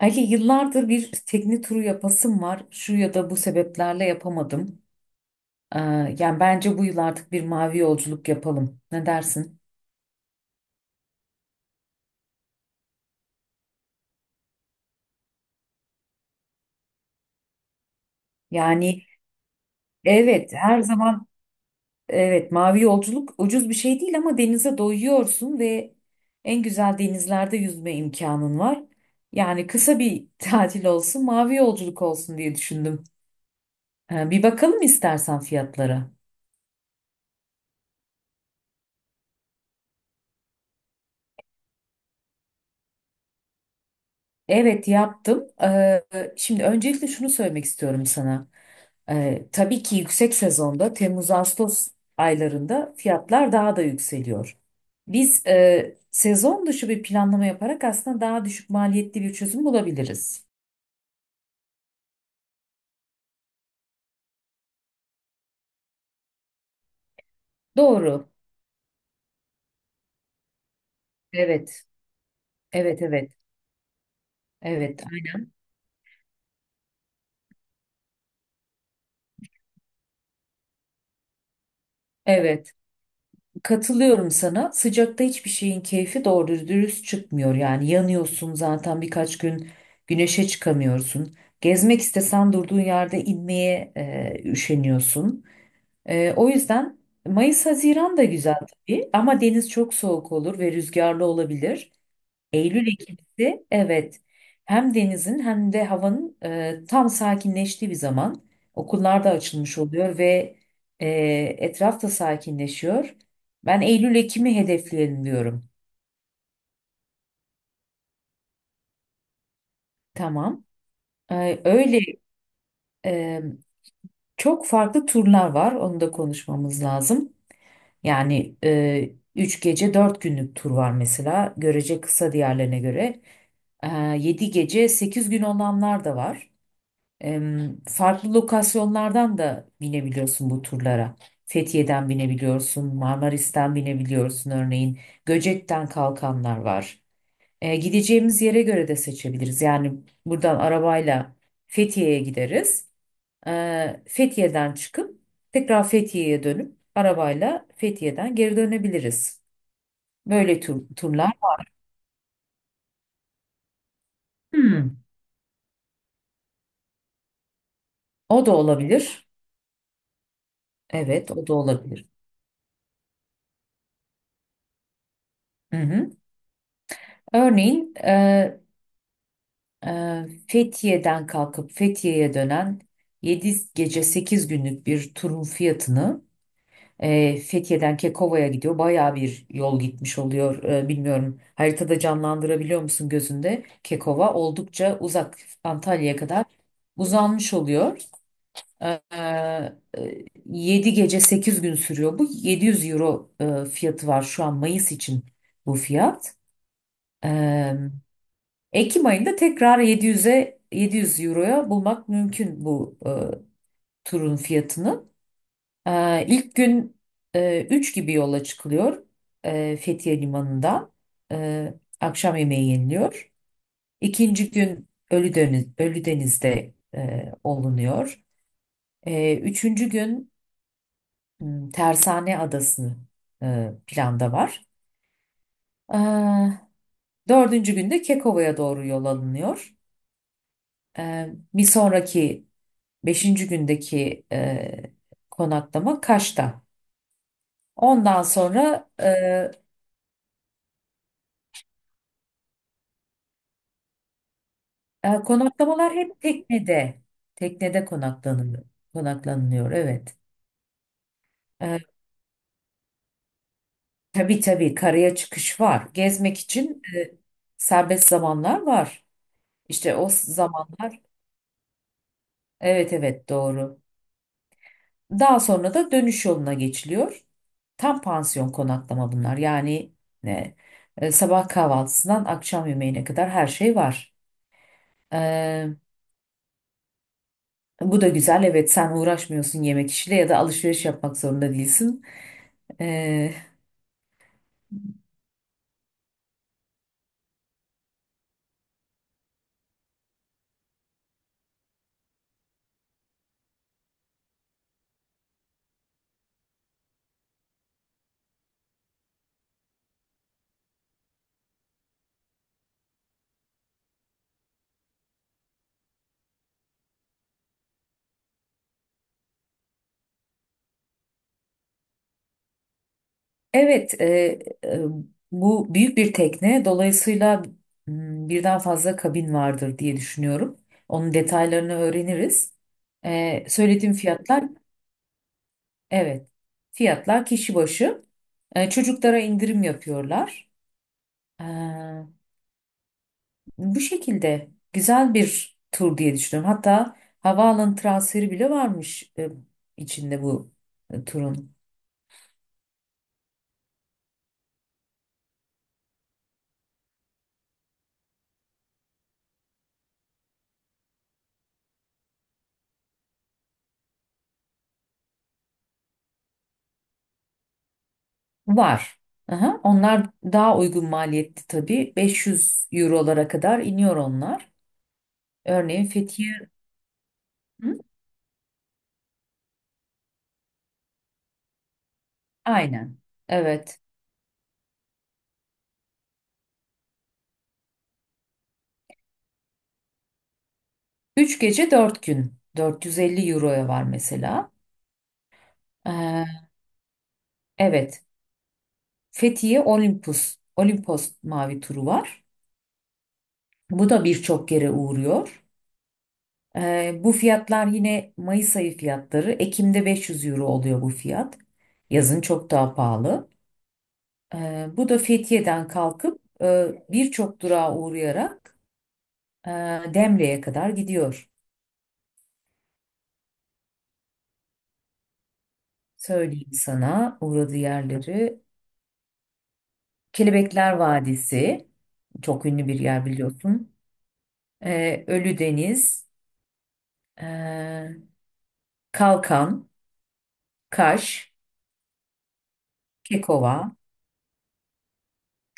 Ali yıllardır bir tekne turu yapasım var. Şu ya da bu sebeplerle yapamadım. Ee, yani bence bu yıl artık bir mavi yolculuk yapalım. Ne dersin? Yani, evet, her zaman, evet, mavi yolculuk ucuz bir şey değil ama denize doyuyorsun ve en güzel denizlerde yüzme imkanın var. Yani kısa bir tatil olsun, mavi yolculuk olsun diye düşündüm. Bir bakalım istersen fiyatlara. Evet, yaptım. Şimdi öncelikle şunu söylemek istiyorum sana. Tabii ki yüksek sezonda Temmuz-Ağustos aylarında fiyatlar daha da yükseliyor. Biz sezon dışı bir planlama yaparak aslında daha düşük maliyetli bir çözüm bulabiliriz. Doğru. Evet. Evet, evet. Evet. Evet. Katılıyorum sana. Sıcakta hiçbir şeyin keyfi doğru dürüst çıkmıyor. Yani yanıyorsun zaten birkaç gün güneşe çıkamıyorsun. Gezmek istesen durduğun yerde inmeye üşeniyorsun. O yüzden Mayıs-Haziran da güzel tabii ama deniz çok soğuk olur ve rüzgarlı olabilir. Eylül-Ekim'si, evet, hem denizin hem de havanın tam sakinleştiği bir zaman. Okullar da açılmış oluyor ve e, etraf da sakinleşiyor. Ben Eylül-Ekim'i hedefleyelim diyorum. Tamam. Ee, öyle e, çok farklı turlar var, onu da konuşmamız lazım. Yani 3 gece 4 günlük tur var mesela. Görece kısa diğerlerine göre. E, 7 gece 8 gün olanlar da var. E, farklı lokasyonlardan da binebiliyorsun bu turlara. Fethiye'den binebiliyorsun, Marmaris'ten binebiliyorsun örneğin. Göcek'ten kalkanlar var. Gideceğimiz yere göre de seçebiliriz. Yani buradan arabayla Fethiye'ye gideriz. Fethiye'den çıkıp tekrar Fethiye'ye dönüp arabayla Fethiye'den geri dönebiliriz. Böyle turlar. Hmm, o da olabilir. Evet, o da olabilir. Hı hı. Örneğin Fethiye'den kalkıp Fethiye'ye dönen 7 gece 8 günlük bir turun fiyatını. Fethiye'den Kekova'ya gidiyor. Bayağı bir yol gitmiş oluyor. Bilmiyorum haritada canlandırabiliyor musun gözünde? Kekova oldukça uzak, Antalya'ya kadar uzanmış oluyor. 7 gece 8 gün sürüyor. Bu 700 euro fiyatı var şu an Mayıs için bu fiyat. E, Ekim ayında tekrar 700 euroya bulmak mümkün bu turun fiyatını. İlk gün 3 gibi yola çıkılıyor Fethiye Limanı'ndan. E, akşam yemeği yeniliyor. İkinci gün Ölüdeniz'de olunuyor. Üçüncü gün Tersane Adası'nı planda var. E, dördüncü günde Kekova'ya doğru yol alınıyor. E, bir sonraki beşinci gündeki konaklama Kaş'ta. Ondan sonra konaklamalar hep teknede. Teknede konaklanılıyor. Konaklanılıyor, evet. E, tabii tabii, karaya çıkış var. Gezmek için serbest zamanlar var. İşte o zamanlar, evet, evet, doğru. Daha sonra da dönüş yoluna geçiliyor. Tam pansiyon konaklama bunlar. Yani e, sabah kahvaltısından akşam yemeğine kadar her şey var. E, bu da güzel. Evet, sen uğraşmıyorsun yemek işiyle ya da alışveriş yapmak zorunda değilsin. E, Evet, e, bu büyük bir tekne. Dolayısıyla birden fazla kabin vardır diye düşünüyorum. Onun detaylarını öğreniriz. Söylediğim fiyatlar, evet, fiyatlar kişi başı. Çocuklara indirim yapıyorlar. E, bu şekilde güzel bir tur diye düşünüyorum. Hatta havaalanı transferi bile varmış içinde bu turun. Var. Aha, onlar daha uygun maliyetli tabii. 500 eurolara kadar iniyor onlar. Örneğin Fethiye. Hı? Aynen. Evet. 3 gece 4 gün. 450 euroya var mesela. Ee, evet. Fethiye Olympus. Olimpos mavi turu var. Bu da birçok yere uğruyor. Bu fiyatlar yine Mayıs ayı fiyatları. Ekim'de 500 euro oluyor bu fiyat. Yazın çok daha pahalı. Bu da Fethiye'den kalkıp birçok durağa uğrayarak e, Demre'ye kadar gidiyor. Söyleyeyim sana uğradığı yerleri. Kelebekler Vadisi, çok ünlü bir yer biliyorsun. Ölüdeniz, e, Kalkan, Kaş, Kekova,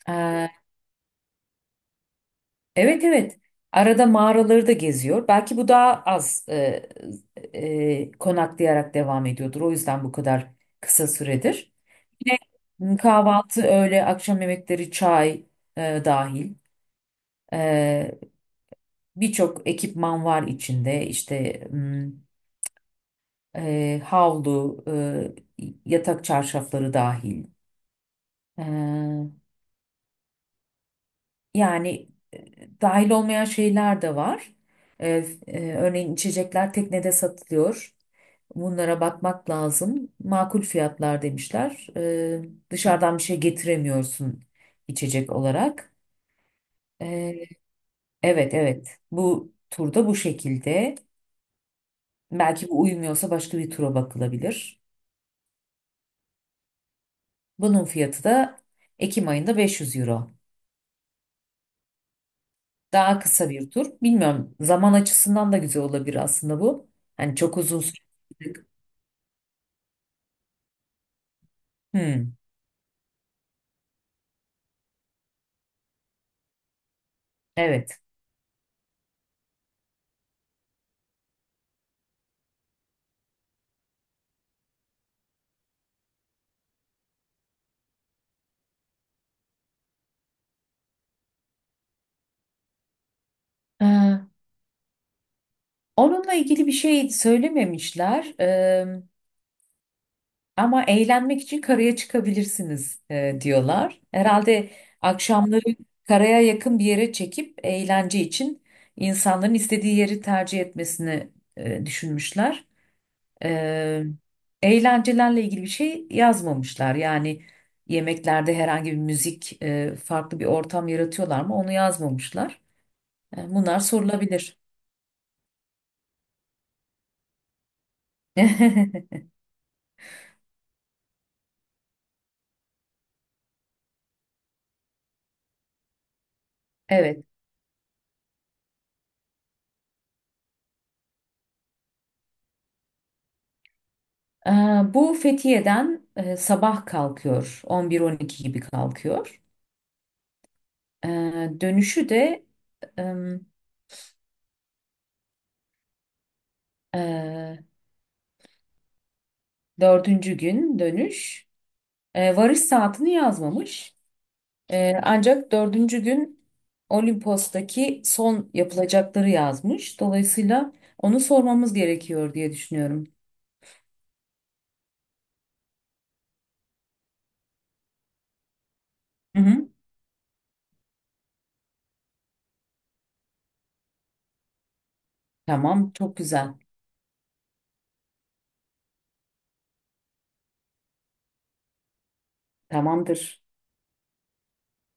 e, evet, evet. Arada mağaraları da geziyor. Belki bu daha az konaklayarak devam ediyordur. O yüzden bu kadar kısa süredir. Yine kahvaltı, öğle, akşam yemekleri, çay dahil. E, birçok ekipman var içinde. İşte havlu, yatak çarşafları dahil. E, Yani dahil olmayan şeyler de var. E, örneğin içecekler teknede satılıyor. Bunlara bakmak lazım. Makul fiyatlar demişler. Dışarıdan bir şey getiremiyorsun içecek olarak. E, evet, evet, bu turda bu şekilde. Belki bu uyumuyorsa başka bir tura bakılabilir. Bunun fiyatı da Ekim ayında 500 euro. Daha kısa bir tur. Bilmiyorum zaman açısından da güzel olabilir aslında bu. Hani çok uzun süre. Hmm, evet. Ee, onunla ilgili bir şey söylememişler. Ama eğlenmek için karaya çıkabilirsiniz diyorlar. Herhalde akşamları karaya yakın bir yere çekip eğlence için insanların istediği yeri tercih etmesini düşünmüşler. Ee, eğlencelerle ilgili bir şey yazmamışlar. Yani yemeklerde herhangi bir müzik, farklı bir ortam yaratıyorlar mı? Onu yazmamışlar. Bunlar sorulabilir. Evet. Ee, bu Fethiye'den sabah kalkıyor. 11-12 gibi kalkıyor. Ee, dönüşü de em, e, dördüncü gün dönüş. Varış saatini yazmamış. Ancak dördüncü gün Olimpos'taki son yapılacakları yazmış. Dolayısıyla onu sormamız gerekiyor diye düşünüyorum. Hı hı. Tamam, çok güzel. Tamamdır.